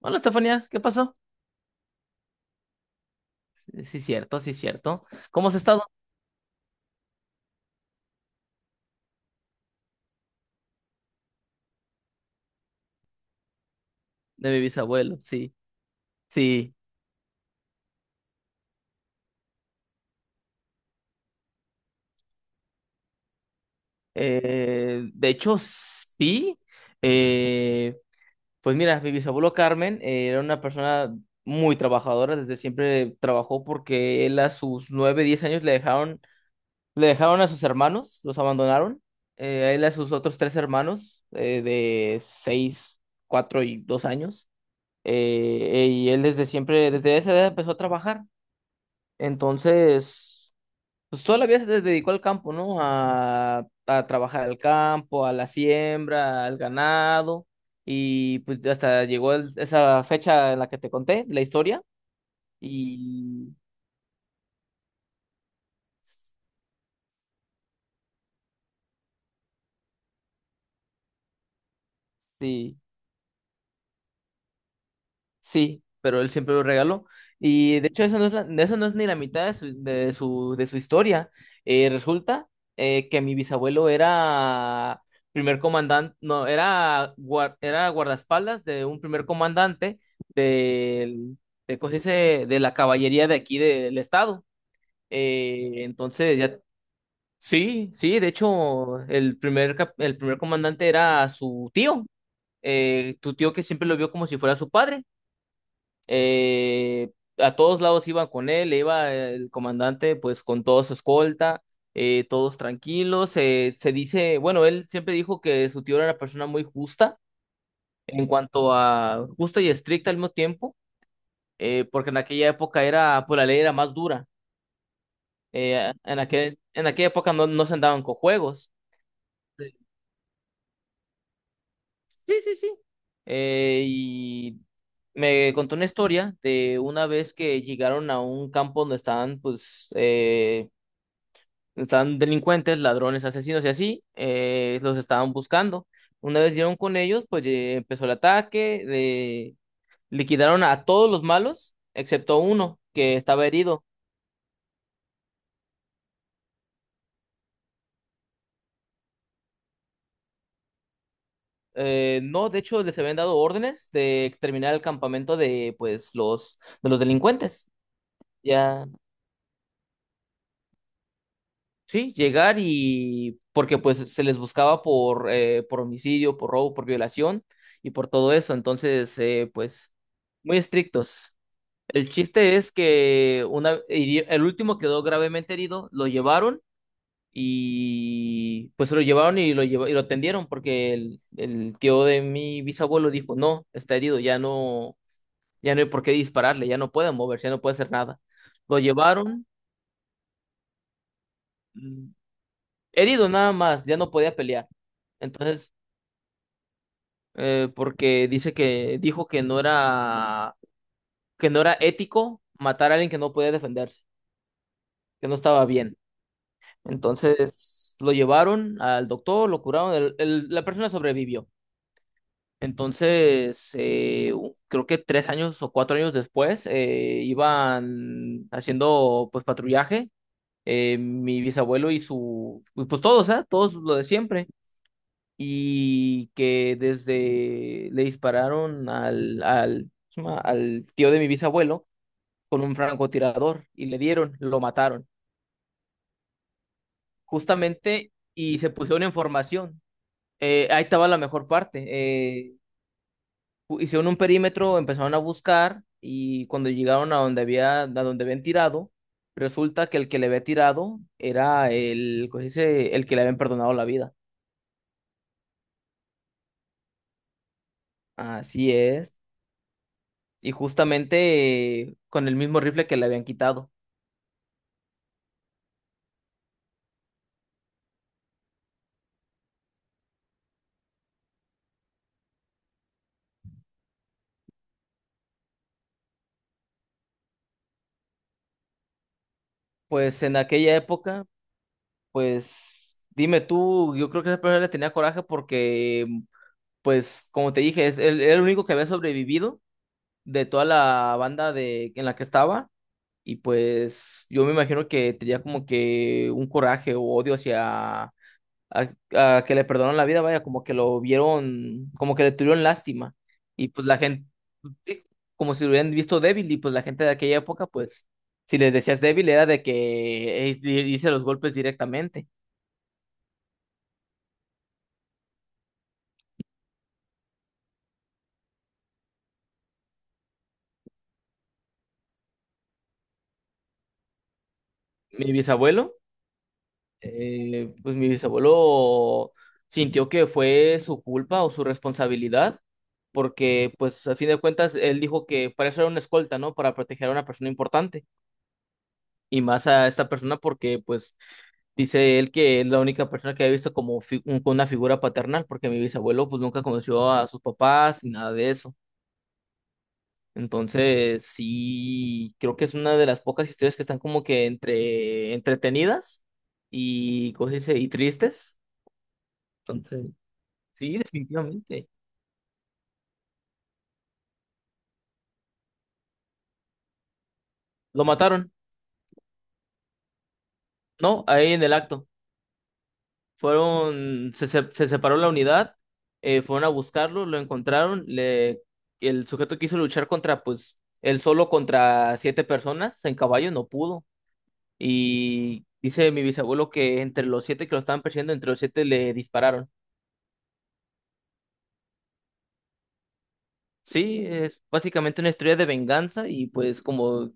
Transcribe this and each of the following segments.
Hola, Estefanía, ¿qué pasó? Sí, sí, cierto, sí, cierto. ¿Cómo has estado? De mi bisabuelo, sí, sí. De hecho, sí. Eh, pues mira, mi bisabuelo Carmen era una persona muy trabajadora, desde siempre trabajó porque él a sus 9, 10 años le dejaron a sus hermanos, los abandonaron. A él y a sus otros tres hermanos de 6, 4 y 2 años. Y él desde siempre, desde esa edad empezó a trabajar. Entonces, pues toda la vida se dedicó al campo, ¿no? A trabajar al campo, a la siembra, al ganado, y pues hasta llegó esa fecha en la que te conté, la historia, y sí. Sí, pero él siempre lo regaló. Y de hecho, eso no es ni la mitad de su historia. Resulta que mi bisabuelo era primer comandante, no, era, era guardaespaldas de un primer comandante del- de, ¿cómo se dice? De la caballería de aquí del estado. Entonces, ya, sí, sí, de hecho, el primer comandante era su tío, tu tío que siempre lo vio como si fuera su padre. Eh, a todos lados iban con él, iba el comandante pues con toda su escolta, todos tranquilos. Se dice, bueno, él siempre dijo que su tío era una persona muy justa en cuanto a justa y estricta al mismo tiempo, porque en aquella época era, pues la ley era más dura. En aquella época no, no se andaban con juegos. Sí, sí, sí. Y me contó una historia de una vez que llegaron a un campo donde estaban, pues, estaban delincuentes, ladrones, asesinos y así, los estaban buscando. Una vez dieron con ellos, pues empezó el ataque, liquidaron a todos los malos, excepto uno que estaba herido. No, de hecho, les habían dado órdenes de exterminar el campamento de los delincuentes. Ya, sí, llegar y, porque pues se les buscaba por homicidio, por robo, por violación y por todo eso. Entonces, pues, muy estrictos. El chiste es que el último quedó gravemente herido, lo llevaron y pues lo llevaron y y lo atendieron porque el tío de mi bisabuelo dijo, no, está herido, ya no hay por qué dispararle, ya no puede moverse, ya no puede hacer nada. Lo llevaron mm, herido nada más, ya no podía pelear. Entonces, porque dice que dijo que no era ético matar a alguien que no podía defenderse, que no estaba bien. Entonces lo llevaron al doctor, lo curaron, la persona sobrevivió. Entonces, creo que 3 años o 4 años después, iban haciendo pues patrullaje, mi bisabuelo y pues todos, ¿ah? Todos lo de siempre. Y que desde le dispararon al tío de mi bisabuelo con un francotirador y le dieron, lo mataron. Justamente, y se pusieron en formación. Ahí estaba la mejor parte. Hicieron un perímetro, empezaron a buscar y cuando llegaron a donde habían tirado, resulta que el que le había tirado era el, ¿cómo se dice? El que le habían perdonado la vida. Así es. Y justamente con el mismo rifle que le habían quitado. Pues en aquella época, pues dime tú, yo creo que esa persona le tenía coraje porque, pues como te dije, es, él era el único que había sobrevivido de toda la banda en la que estaba. Y pues yo me imagino que tenía como que un coraje o odio hacia a que le perdonaron la vida, vaya, como que lo vieron, como que le tuvieron lástima. Y pues la gente, sí, como si lo hubieran visto débil, y pues la gente de aquella época, pues, si les decías débil, era de que hice los golpes directamente. Mi bisabuelo eh, pues mi bisabuelo sintió que fue su culpa o su responsabilidad, porque pues a fin de cuentas él dijo que para eso era una escolta, ¿no? Para proteger a una persona importante y más a esta persona porque pues dice él que es la única persona que había visto como con una figura paternal, porque mi bisabuelo pues nunca conoció a sus papás ni nada de eso. Entonces, sí, creo que es una de las pocas historias que están como que entre entretenidas y, ¿cómo se dice? Y tristes. entonces Sí, definitivamente. Lo mataron, ¿no? Ahí en el acto. Fueron, se separó la unidad, fueron a buscarlo, lo encontraron, el sujeto quiso luchar contra, pues, él solo contra siete personas en caballo, no pudo. Y dice mi bisabuelo que entre los siete que lo estaban persiguiendo, entre los siete le dispararon. Sí, es básicamente una historia de venganza y pues como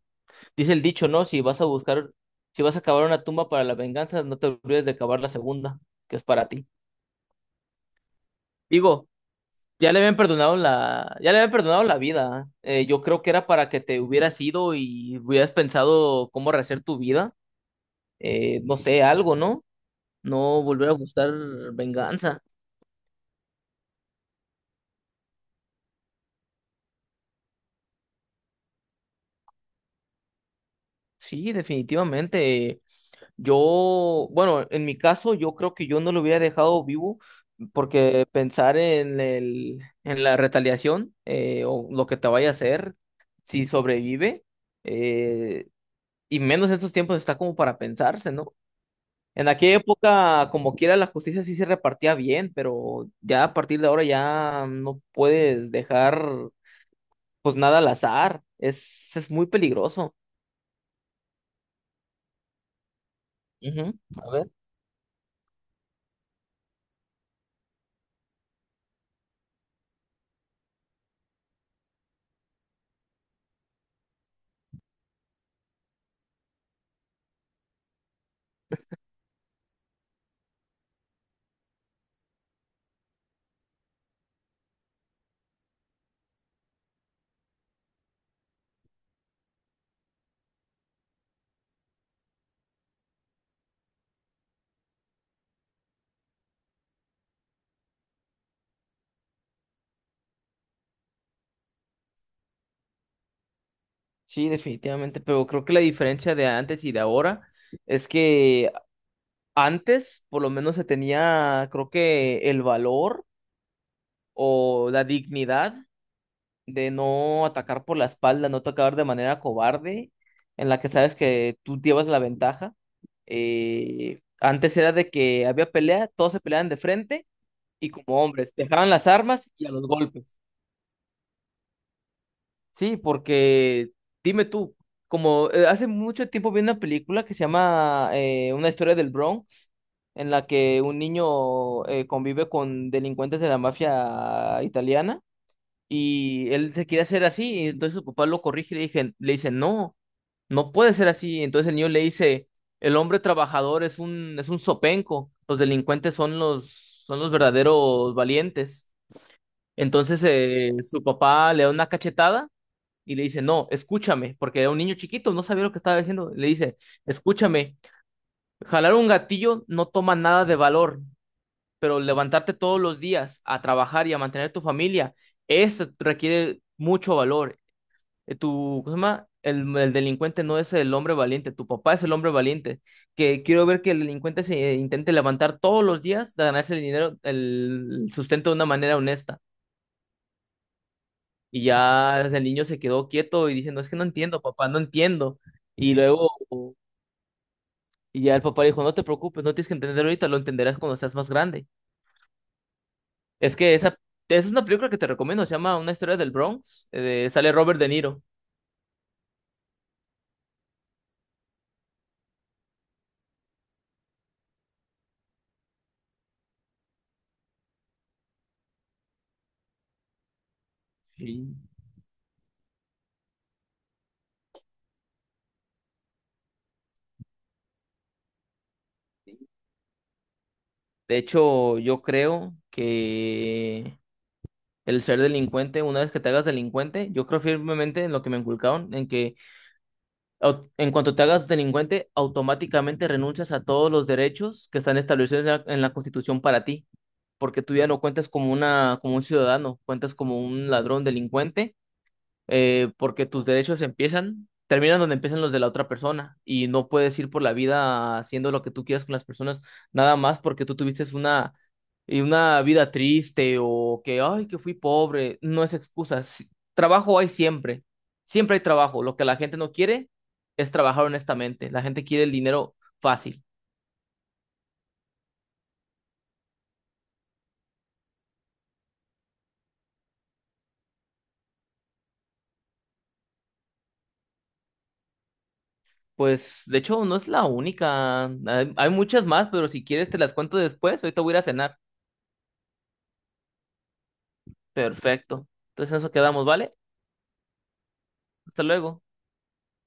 dice el dicho, ¿no? Si vas a buscar, si vas a cavar una tumba para la venganza, no te olvides de cavar la segunda, que es para ti. Digo, ya le habían perdonado la vida. Yo creo que era para que te hubieras ido y hubieras pensado cómo rehacer tu vida. No sé, algo, ¿no? No volver a buscar venganza. Sí, definitivamente. Yo, bueno, en mi caso, yo creo que yo no lo hubiera dejado vivo porque pensar en la retaliación o lo que te vaya a hacer si sobrevive, eh, y menos en estos tiempos está como para pensarse, ¿no? En aquella época, como quiera, la justicia sí se repartía bien, pero ya a partir de ahora ya no puedes dejar pues nada al azar. Es muy peligroso. Ujú. A ver. Sí, definitivamente, pero creo que la diferencia de antes y de ahora es que antes por lo menos se tenía, creo que el valor o la dignidad de no atacar por la espalda, no atacar de manera cobarde, en la que sabes que tú llevas la ventaja. Antes era de que había pelea, todos se peleaban de frente y como hombres, dejaban las armas y a los golpes. Sí, porque dime tú, como hace mucho tiempo vi una película que se llama Una historia del Bronx, en la que un niño convive con delincuentes de la mafia italiana y él se quiere hacer así, y entonces su papá lo corrige y le dije, le dice, no, no puede ser así. Entonces el niño le dice, el hombre trabajador es un zopenco, los delincuentes son son los verdaderos valientes. Entonces su papá le da una cachetada y le dice, no, escúchame, porque era un niño chiquito, no sabía lo que estaba diciendo. Le dice, escúchame, jalar un gatillo no toma nada de valor, pero levantarte todos los días a trabajar y a mantener tu familia. Eso requiere mucho valor tu, ¿cómo se llama? El delincuente no es el hombre valiente, tu papá es el hombre valiente. Que quiero ver que el delincuente se intente levantar todos los días a ganarse el dinero, el sustento de una manera honesta. Y ya el niño se quedó quieto y diciendo, es que no entiendo, papá, no entiendo. Y luego, y ya el papá dijo, no te preocupes, no tienes que entender ahorita, lo entenderás cuando seas más grande. Es que es una película que te recomiendo, se llama Una historia del Bronx, sale Robert De Niro. Sí. De hecho, yo creo que el ser delincuente, una vez que te hagas delincuente, yo creo firmemente en lo que me inculcaron, en cuanto te hagas delincuente, automáticamente renuncias a todos los derechos que están establecidos en la Constitución para ti, porque tú ya no cuentas como una, como un ciudadano, cuentas como un ladrón delincuente porque tus derechos empiezan, terminan donde empiezan los de la otra persona y no puedes ir por la vida haciendo lo que tú quieras con las personas nada más porque tú tuviste una vida triste o que, ay, que fui pobre, no es excusa. Trabajo hay siempre, siempre hay trabajo. Lo que la gente no quiere es trabajar honestamente. La gente quiere el dinero fácil. Pues de hecho no es la única, hay muchas más, pero si quieres te las cuento después, ahorita voy a ir a cenar. Perfecto. Entonces en eso quedamos, ¿vale? Hasta luego.